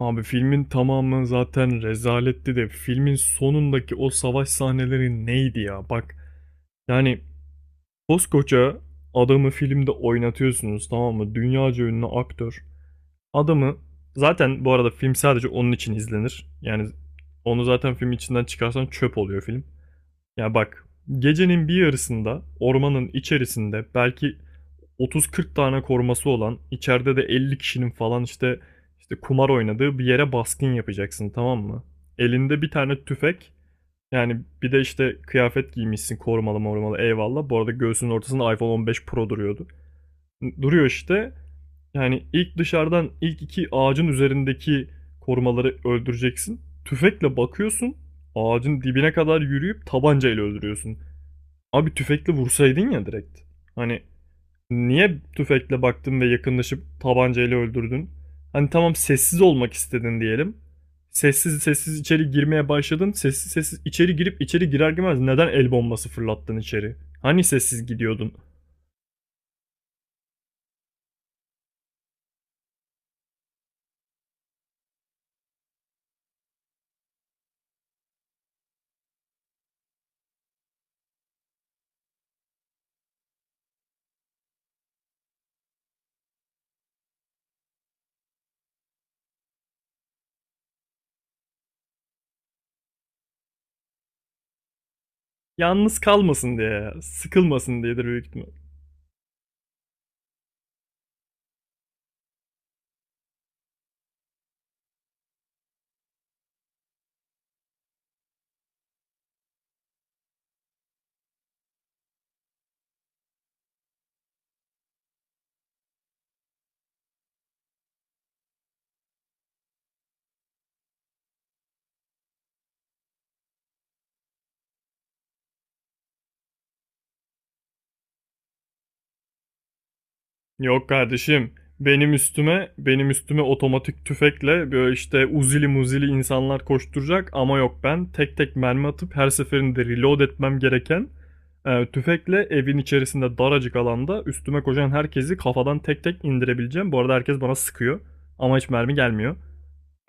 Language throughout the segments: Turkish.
Abi filmin tamamı zaten rezaletti de filmin sonundaki o savaş sahneleri neydi ya? Bak yani koskoca adamı filmde oynatıyorsunuz tamam mı? Dünyaca ünlü aktör. Adamı zaten bu arada film sadece onun için izlenir. Yani onu zaten film içinden çıkarsan çöp oluyor film. Ya bak gecenin bir yarısında ormanın içerisinde belki 30-40 tane koruması olan, içeride de 50 kişinin falan işte kumar oynadığı bir yere baskın yapacaksın tamam mı? Elinde bir tane tüfek. Yani bir de işte kıyafet giymişsin korumalı morumalı eyvallah. Bu arada göğsünün ortasında iPhone 15 Pro duruyordu. Duruyor işte. Yani ilk dışarıdan ilk iki ağacın üzerindeki korumaları öldüreceksin. Tüfekle bakıyorsun. Ağacın dibine kadar yürüyüp tabancayla öldürüyorsun. Abi tüfekle vursaydın ya direkt. Hani niye tüfekle baktın ve yakınlaşıp tabancayla öldürdün? Hani tamam sessiz olmak istedin diyelim. Sessiz sessiz içeri girmeye başladın. Sessiz sessiz içeri girip içeri girer girmez neden el bombası fırlattın içeri? Hani sessiz gidiyordun? Yalnız kalmasın diye, sıkılmasın diyedir büyük ihtimal. Yok kardeşim. Benim üstüme, benim üstüme otomatik tüfekle böyle işte uzili muzili insanlar koşturacak ama yok ben tek tek mermi atıp her seferinde reload etmem gereken tüfekle evin içerisinde daracık alanda üstüme koşan herkesi kafadan tek tek indirebileceğim. Bu arada herkes bana sıkıyor ama hiç mermi gelmiyor.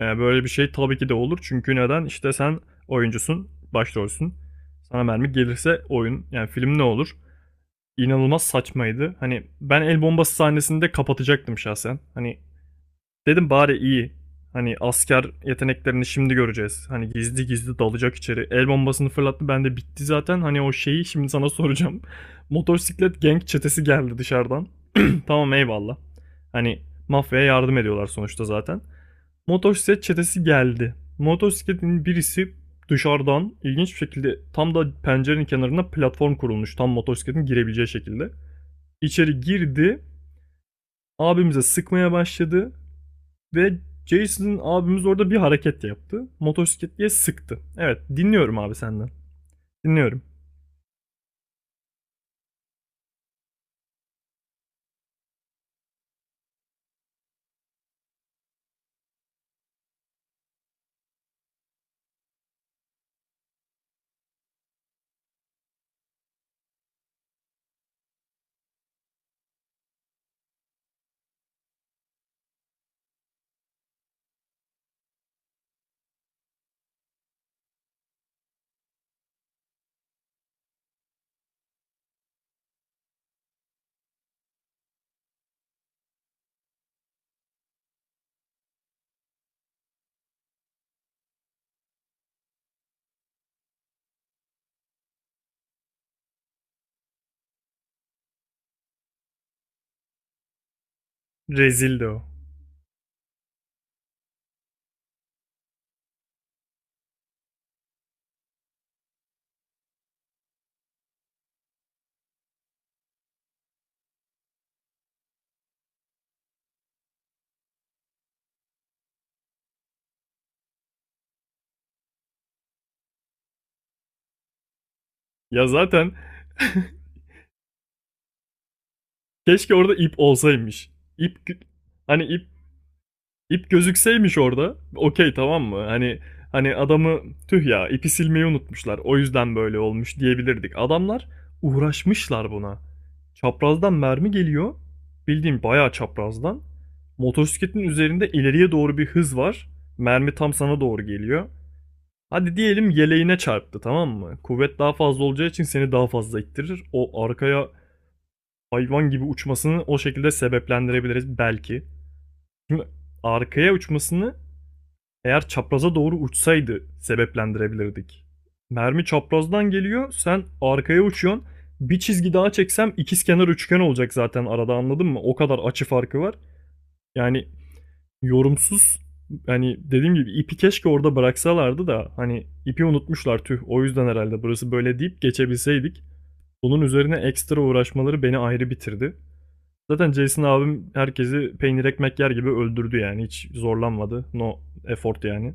E, böyle bir şey tabii ki de olur çünkü neden? İşte sen oyuncusun, başrolsün. Sana mermi gelirse oyun yani film ne olur? inanılmaz saçmaydı. Hani ben el bombası sahnesini de kapatacaktım şahsen. Hani dedim bari iyi. Hani asker yeteneklerini şimdi göreceğiz. Hani gizli gizli dalacak içeri. El bombasını fırlattı ben de bitti zaten. Hani o şeyi şimdi sana soracağım. Motosiklet gang çetesi geldi dışarıdan. tamam eyvallah. Hani mafyaya yardım ediyorlar sonuçta zaten. Motosiklet çetesi geldi. Motosikletin birisi dışarıdan ilginç bir şekilde tam da pencerenin kenarına platform kurulmuş. Tam motosikletin girebileceği şekilde içeri girdi. Abimize sıkmaya başladı ve Jason'ın abimiz orada bir hareket yaptı. Motosikletliye sıktı. Evet dinliyorum abi senden. Dinliyorum. Rezildi o. Ya zaten keşke orada ip olsaymış. İp, hani ip, İp gözükseymiş orada. Okey tamam mı? Hani hani adamı tüh ya ipi silmeyi unutmuşlar. O yüzden böyle olmuş diyebilirdik. Adamlar uğraşmışlar buna. Çaprazdan mermi geliyor. Bildiğim bayağı çaprazdan. Motosikletin üzerinde ileriye doğru bir hız var. Mermi tam sana doğru geliyor. Hadi diyelim yeleğine çarptı tamam mı? Kuvvet daha fazla olacağı için seni daha fazla ittirir. O arkaya hayvan gibi uçmasını o şekilde sebeplendirebiliriz belki. Şimdi arkaya uçmasını eğer çapraza doğru uçsaydı sebeplendirebilirdik. Mermi çaprazdan geliyor, sen arkaya uçuyorsun. Bir çizgi daha çeksem ikizkenar üçgen olacak zaten arada anladın mı? O kadar açı farkı var. Yani yorumsuz, hani dediğim gibi ipi keşke orada bıraksalardı da hani ipi unutmuşlar tüh o yüzden herhalde burası böyle deyip geçebilseydik. Bunun üzerine ekstra uğraşmaları beni ayrı bitirdi. Zaten Jason abim herkesi peynir ekmek yer gibi öldürdü yani hiç zorlanmadı. No effort yani.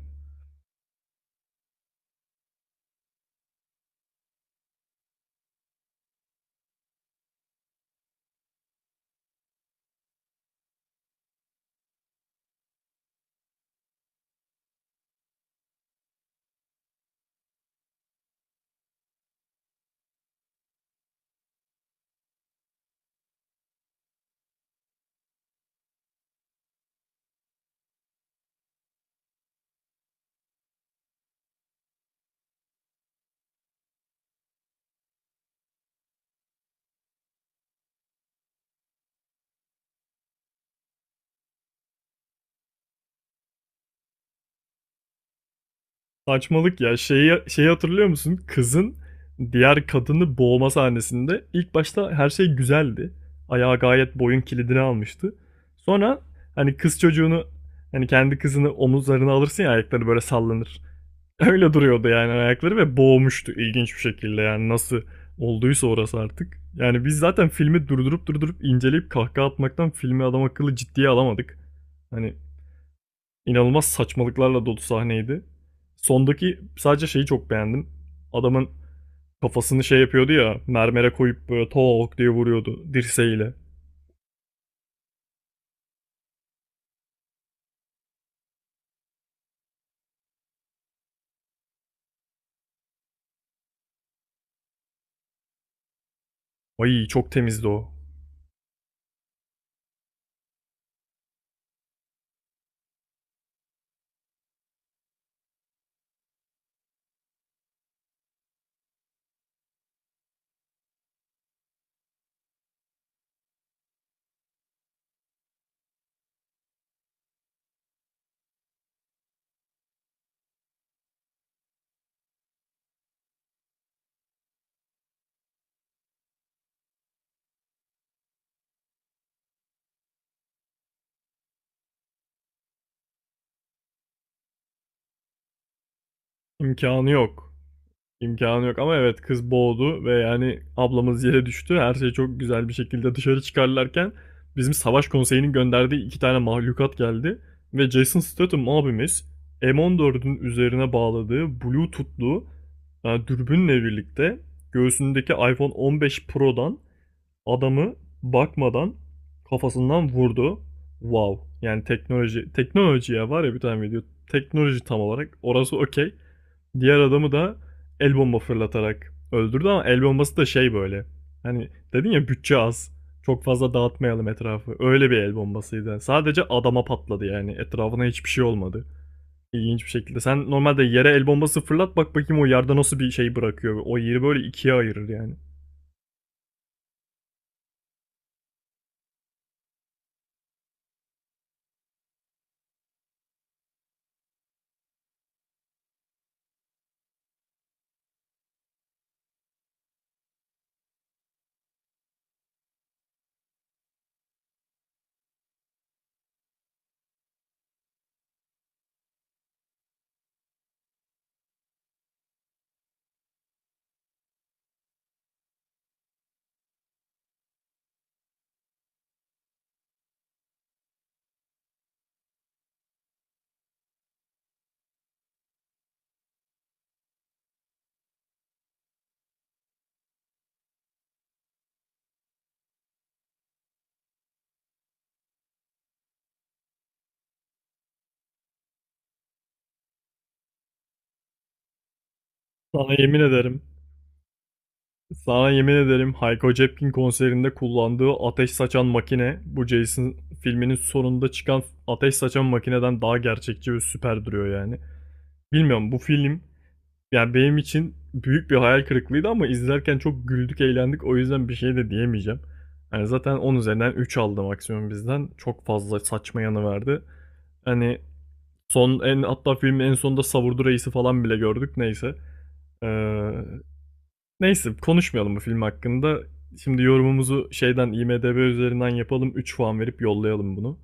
Saçmalık ya. Şeyi hatırlıyor musun? Kızın diğer kadını boğma sahnesinde ilk başta her şey güzeldi. Ayağı gayet boyun kilidini almıştı. Sonra hani kız çocuğunu, hani kendi kızını omuzlarına alırsın ya ayakları böyle sallanır. Öyle duruyordu yani ayakları ve boğmuştu ilginç bir şekilde yani nasıl olduysa orası artık. Yani biz zaten filmi durdurup durdurup inceleyip kahkaha atmaktan filmi adam akıllı ciddiye alamadık. Hani İnanılmaz saçmalıklarla dolu sahneydi. Sondaki sadece şeyi çok beğendim. Adamın kafasını şey yapıyordu ya, mermere koyup böyle tok diye vuruyordu dirseğiyle. Ay çok temizdi o. İmkanı yok. İmkanı yok ama evet kız boğdu ve yani ablamız yere düştü. Her şey çok güzel bir şekilde dışarı çıkarlarken bizim savaş konseyinin gönderdiği iki tane mahlukat geldi. Ve Jason Statham abimiz M14'ün üzerine bağladığı Bluetooth'lu dürbünle birlikte göğsündeki iPhone 15 Pro'dan adamı bakmadan kafasından vurdu. Wow. Yani teknoloji teknolojiye var ya, bir tane video. Teknoloji tam olarak. Orası okey. Diğer adamı da el bomba fırlatarak öldürdü ama el bombası da şey böyle. Hani dedin ya bütçe az. Çok fazla dağıtmayalım etrafı. Öyle bir el bombasıydı. Yani sadece adama patladı yani. Etrafına hiçbir şey olmadı. İlginç bir şekilde. Sen normalde yere el bombası fırlat bak bakayım o yerde nasıl bir şey bırakıyor. O yeri böyle ikiye ayırır yani. Sana yemin ederim. Sana yemin ederim Hayko Cepkin konserinde kullandığı ateş saçan makine bu Jason filminin sonunda çıkan ateş saçan makineden daha gerçekçi ve süper duruyor yani. Bilmiyorum, bu film yani benim için büyük bir hayal kırıklığıydı ama izlerken çok güldük eğlendik o yüzden bir şey de diyemeyeceğim. Yani zaten 10 üzerinden 3 aldı maksimum bizden. Çok fazla saçma yanı vardı. Hani son en hatta filmin en sonunda Savurdu Reis'i falan bile gördük neyse. Ee, Neyse konuşmayalım bu film hakkında. Şimdi yorumumuzu şeyden IMDb üzerinden yapalım. 3 puan verip yollayalım bunu.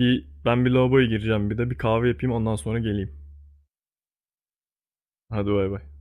Bir, ben bir lavaboya gireceğim bir de bir kahve yapayım ondan sonra geleyim. Hadi bay bay.